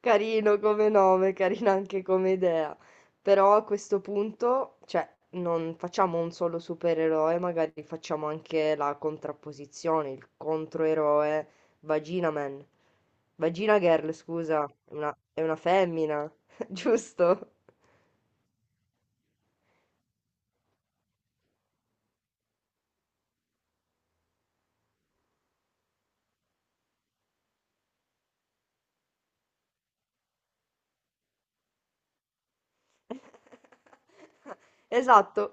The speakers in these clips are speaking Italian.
Carino come nome, carina anche come idea. Però a questo punto, cioè, non facciamo un solo supereroe, magari facciamo anche la contrapposizione, il controeroe Vagina Man. Vagina Girl, scusa, è una femmina, giusto? Esatto,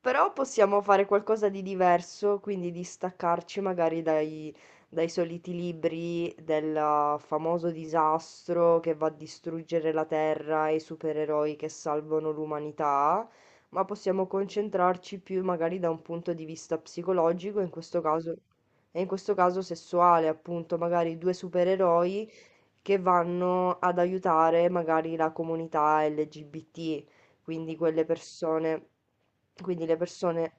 però possiamo fare qualcosa di diverso, quindi distaccarci magari dai soliti libri del famoso disastro che va a distruggere la Terra e i supereroi che salvano l'umanità, ma possiamo concentrarci più magari da un punto di vista psicologico, in questo caso, e in questo caso sessuale, appunto, magari due supereroi che vanno ad aiutare magari la comunità LGBT, quindi quelle persone, quindi le persone,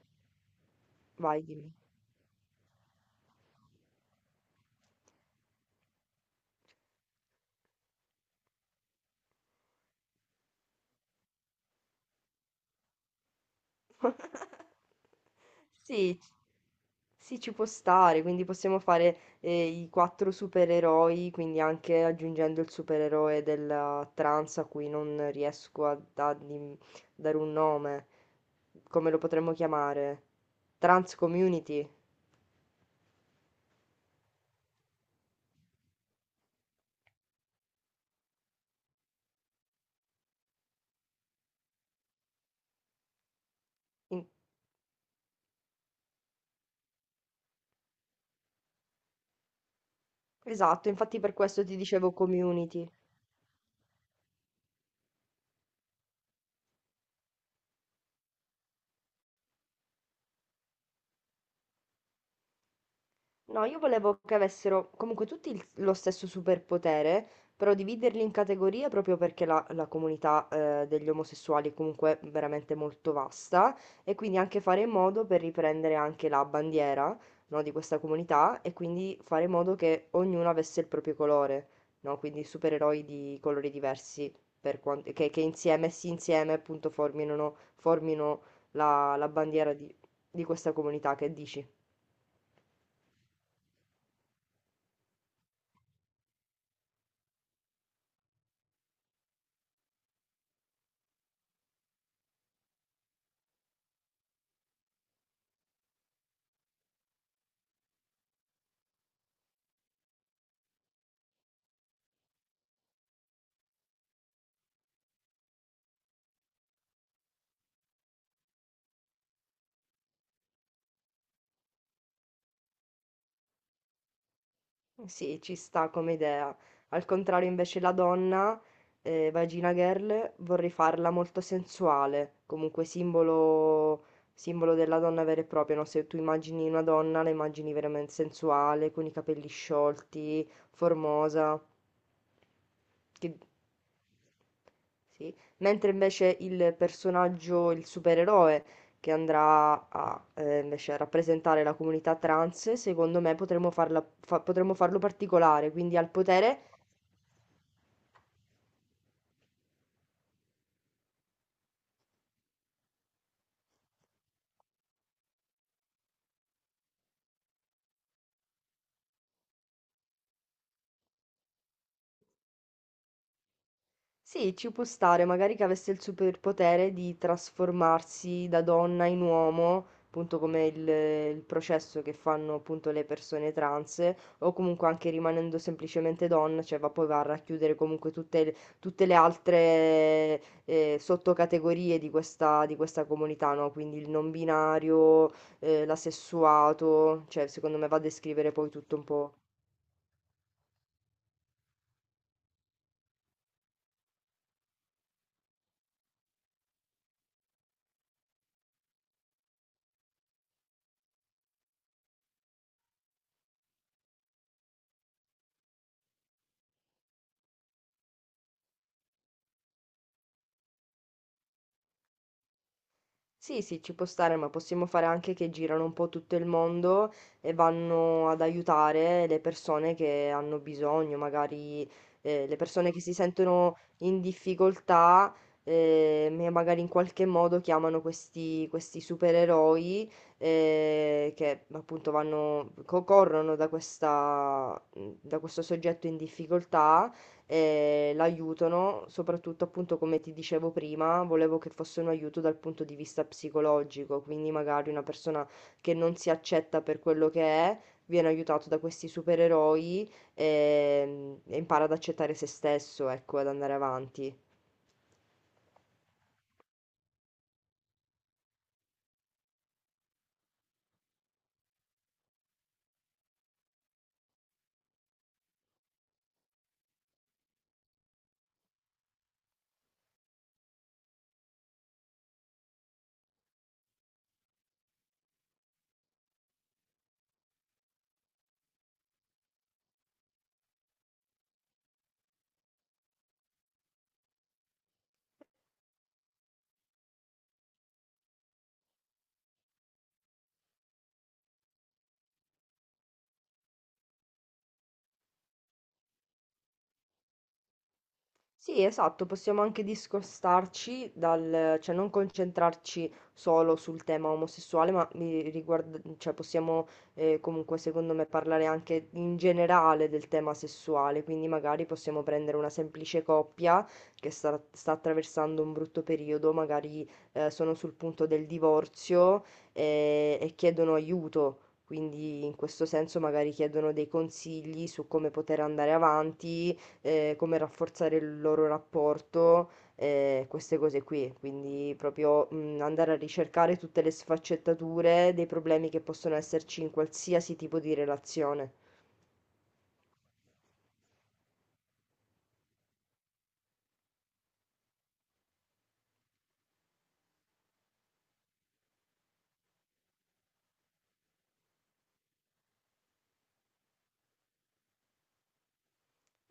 vai, dimmi. Sì, sì, ci può stare, quindi possiamo fare i quattro supereroi, quindi anche aggiungendo il supereroe della trans a cui non riesco a dare un nome. Come lo potremmo chiamare? Trans Community. In- Esatto, infatti per questo ti dicevo community. No, io volevo che avessero comunque tutti lo stesso superpotere, però dividerli in categorie proprio perché la comunità degli omosessuali è comunque veramente molto vasta e quindi anche fare in modo per riprendere anche la bandiera, no, di questa comunità e quindi fare in modo che ognuno avesse il proprio colore, no? Quindi supereroi di colori diversi per che insieme, insieme appunto formino la bandiera di questa comunità, che dici? Sì, ci sta come idea. Al contrario, invece, la donna, Vagina Girl, vorrei farla molto sensuale, comunque simbolo, simbolo della donna vera e propria, no? Se tu immagini una donna, la immagini veramente sensuale, con i capelli sciolti, formosa. che- Sì. Mentre invece il personaggio, il supereroe, che andrà a invece a rappresentare la comunità trans, secondo me potremmo potremmo farlo particolare, quindi al potere. Sì, ci può stare, magari che avesse il superpotere di trasformarsi da donna in uomo, appunto come il processo che fanno appunto le persone trans, o comunque anche rimanendo semplicemente donna, cioè va a racchiudere comunque tutte le altre sottocategorie di di questa comunità, no? Quindi il non binario, l'asessuato, cioè secondo me va a descrivere poi tutto un po'. Sì, sì, ci può stare, ma possiamo fare anche che girano un po' tutto il mondo e vanno ad aiutare le persone che hanno bisogno, magari le persone che si sentono in difficoltà e magari in qualche modo chiamano questi supereroi che appunto corrono da da questo soggetto in difficoltà l'aiutano, soprattutto appunto come ti dicevo prima, volevo che fosse un aiuto dal punto di vista psicologico, quindi magari una persona che non si accetta per quello che è, viene aiutato da questi supereroi e impara ad accettare se stesso, ecco, ad andare avanti. Sì, esatto, possiamo anche discostarci dal, cioè non concentrarci solo sul tema omosessuale, ma cioè possiamo comunque secondo me parlare anche in generale del tema sessuale, quindi magari possiamo prendere una semplice coppia che sta attraversando un brutto periodo, magari sono sul punto del divorzio e chiedono aiuto. Quindi in questo senso magari chiedono dei consigli su come poter andare avanti, come rafforzare il loro rapporto, queste cose qui. Quindi proprio andare a ricercare tutte le sfaccettature dei problemi che possono esserci in qualsiasi tipo di relazione.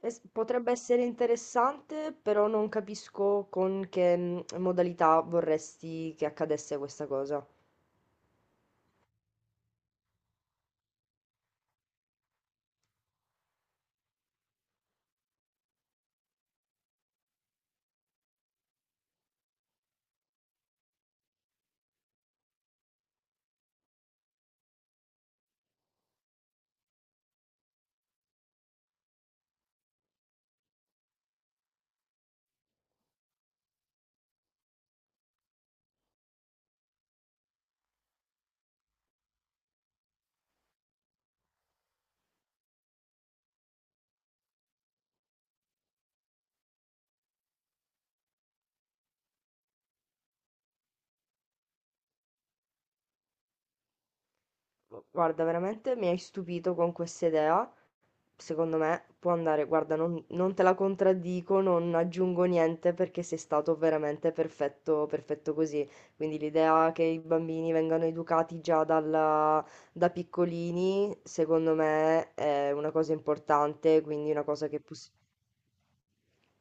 Potrebbe essere interessante, però non capisco con che modalità vorresti che accadesse questa cosa. Guarda, veramente mi hai stupito con questa idea. Secondo me può andare. Guarda, non te la contraddico, non aggiungo niente perché sei stato veramente perfetto, perfetto così. Quindi l'idea che i bambini vengano educati da piccolini, secondo me è una cosa importante, quindi una cosa che.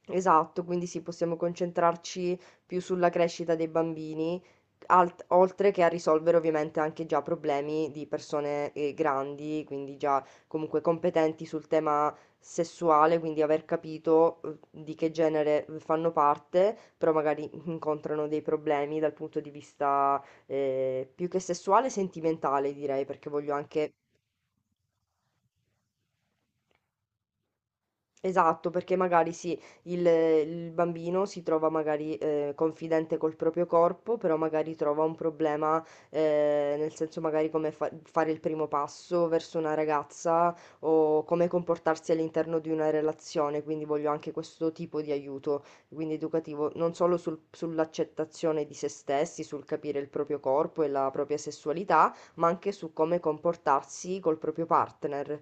Esatto, quindi sì, possiamo concentrarci più sulla crescita dei bambini, oltre che a risolvere ovviamente anche già problemi di persone grandi, quindi già comunque competenti sul tema sessuale, quindi aver capito di che genere fanno parte, però magari incontrano dei problemi dal punto di vista più che sessuale, sentimentale direi, perché voglio anche. Esatto, perché magari sì, il bambino si trova magari confidente col proprio corpo, però magari trova un problema, nel senso magari come fare il primo passo verso una ragazza o come comportarsi all'interno di una relazione, quindi voglio anche questo tipo di aiuto, quindi educativo, non solo sull'accettazione di se stessi, sul capire il proprio corpo e la propria sessualità, ma anche su come comportarsi col proprio partner.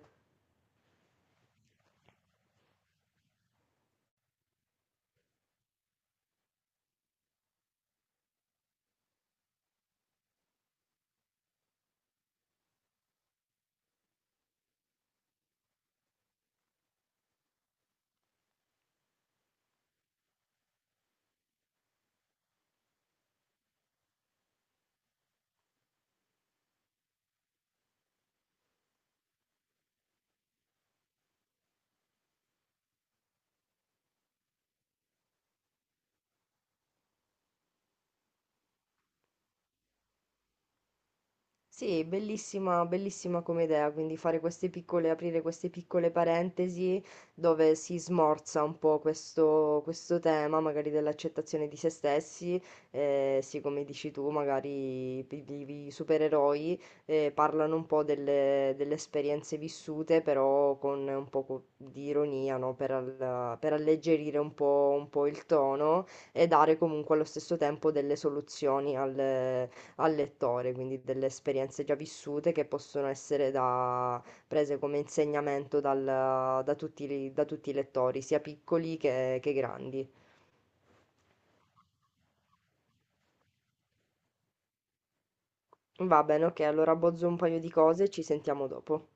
Sì, bellissima, bellissima come idea, quindi fare queste piccole, aprire queste piccole parentesi dove si smorza un po' questo tema, magari dell'accettazione di se stessi, sì, come dici tu, magari i supereroi parlano un po' delle esperienze vissute, però con un po' di ironia, no? Per alleggerire un po' il tono e dare comunque allo stesso tempo delle soluzioni al al lettore, quindi delle esperienze già vissute che possono essere prese come insegnamento da tutti, da tutti i lettori, sia piccoli che grandi. Va bene, ok, allora bozzo un paio di cose e ci sentiamo dopo.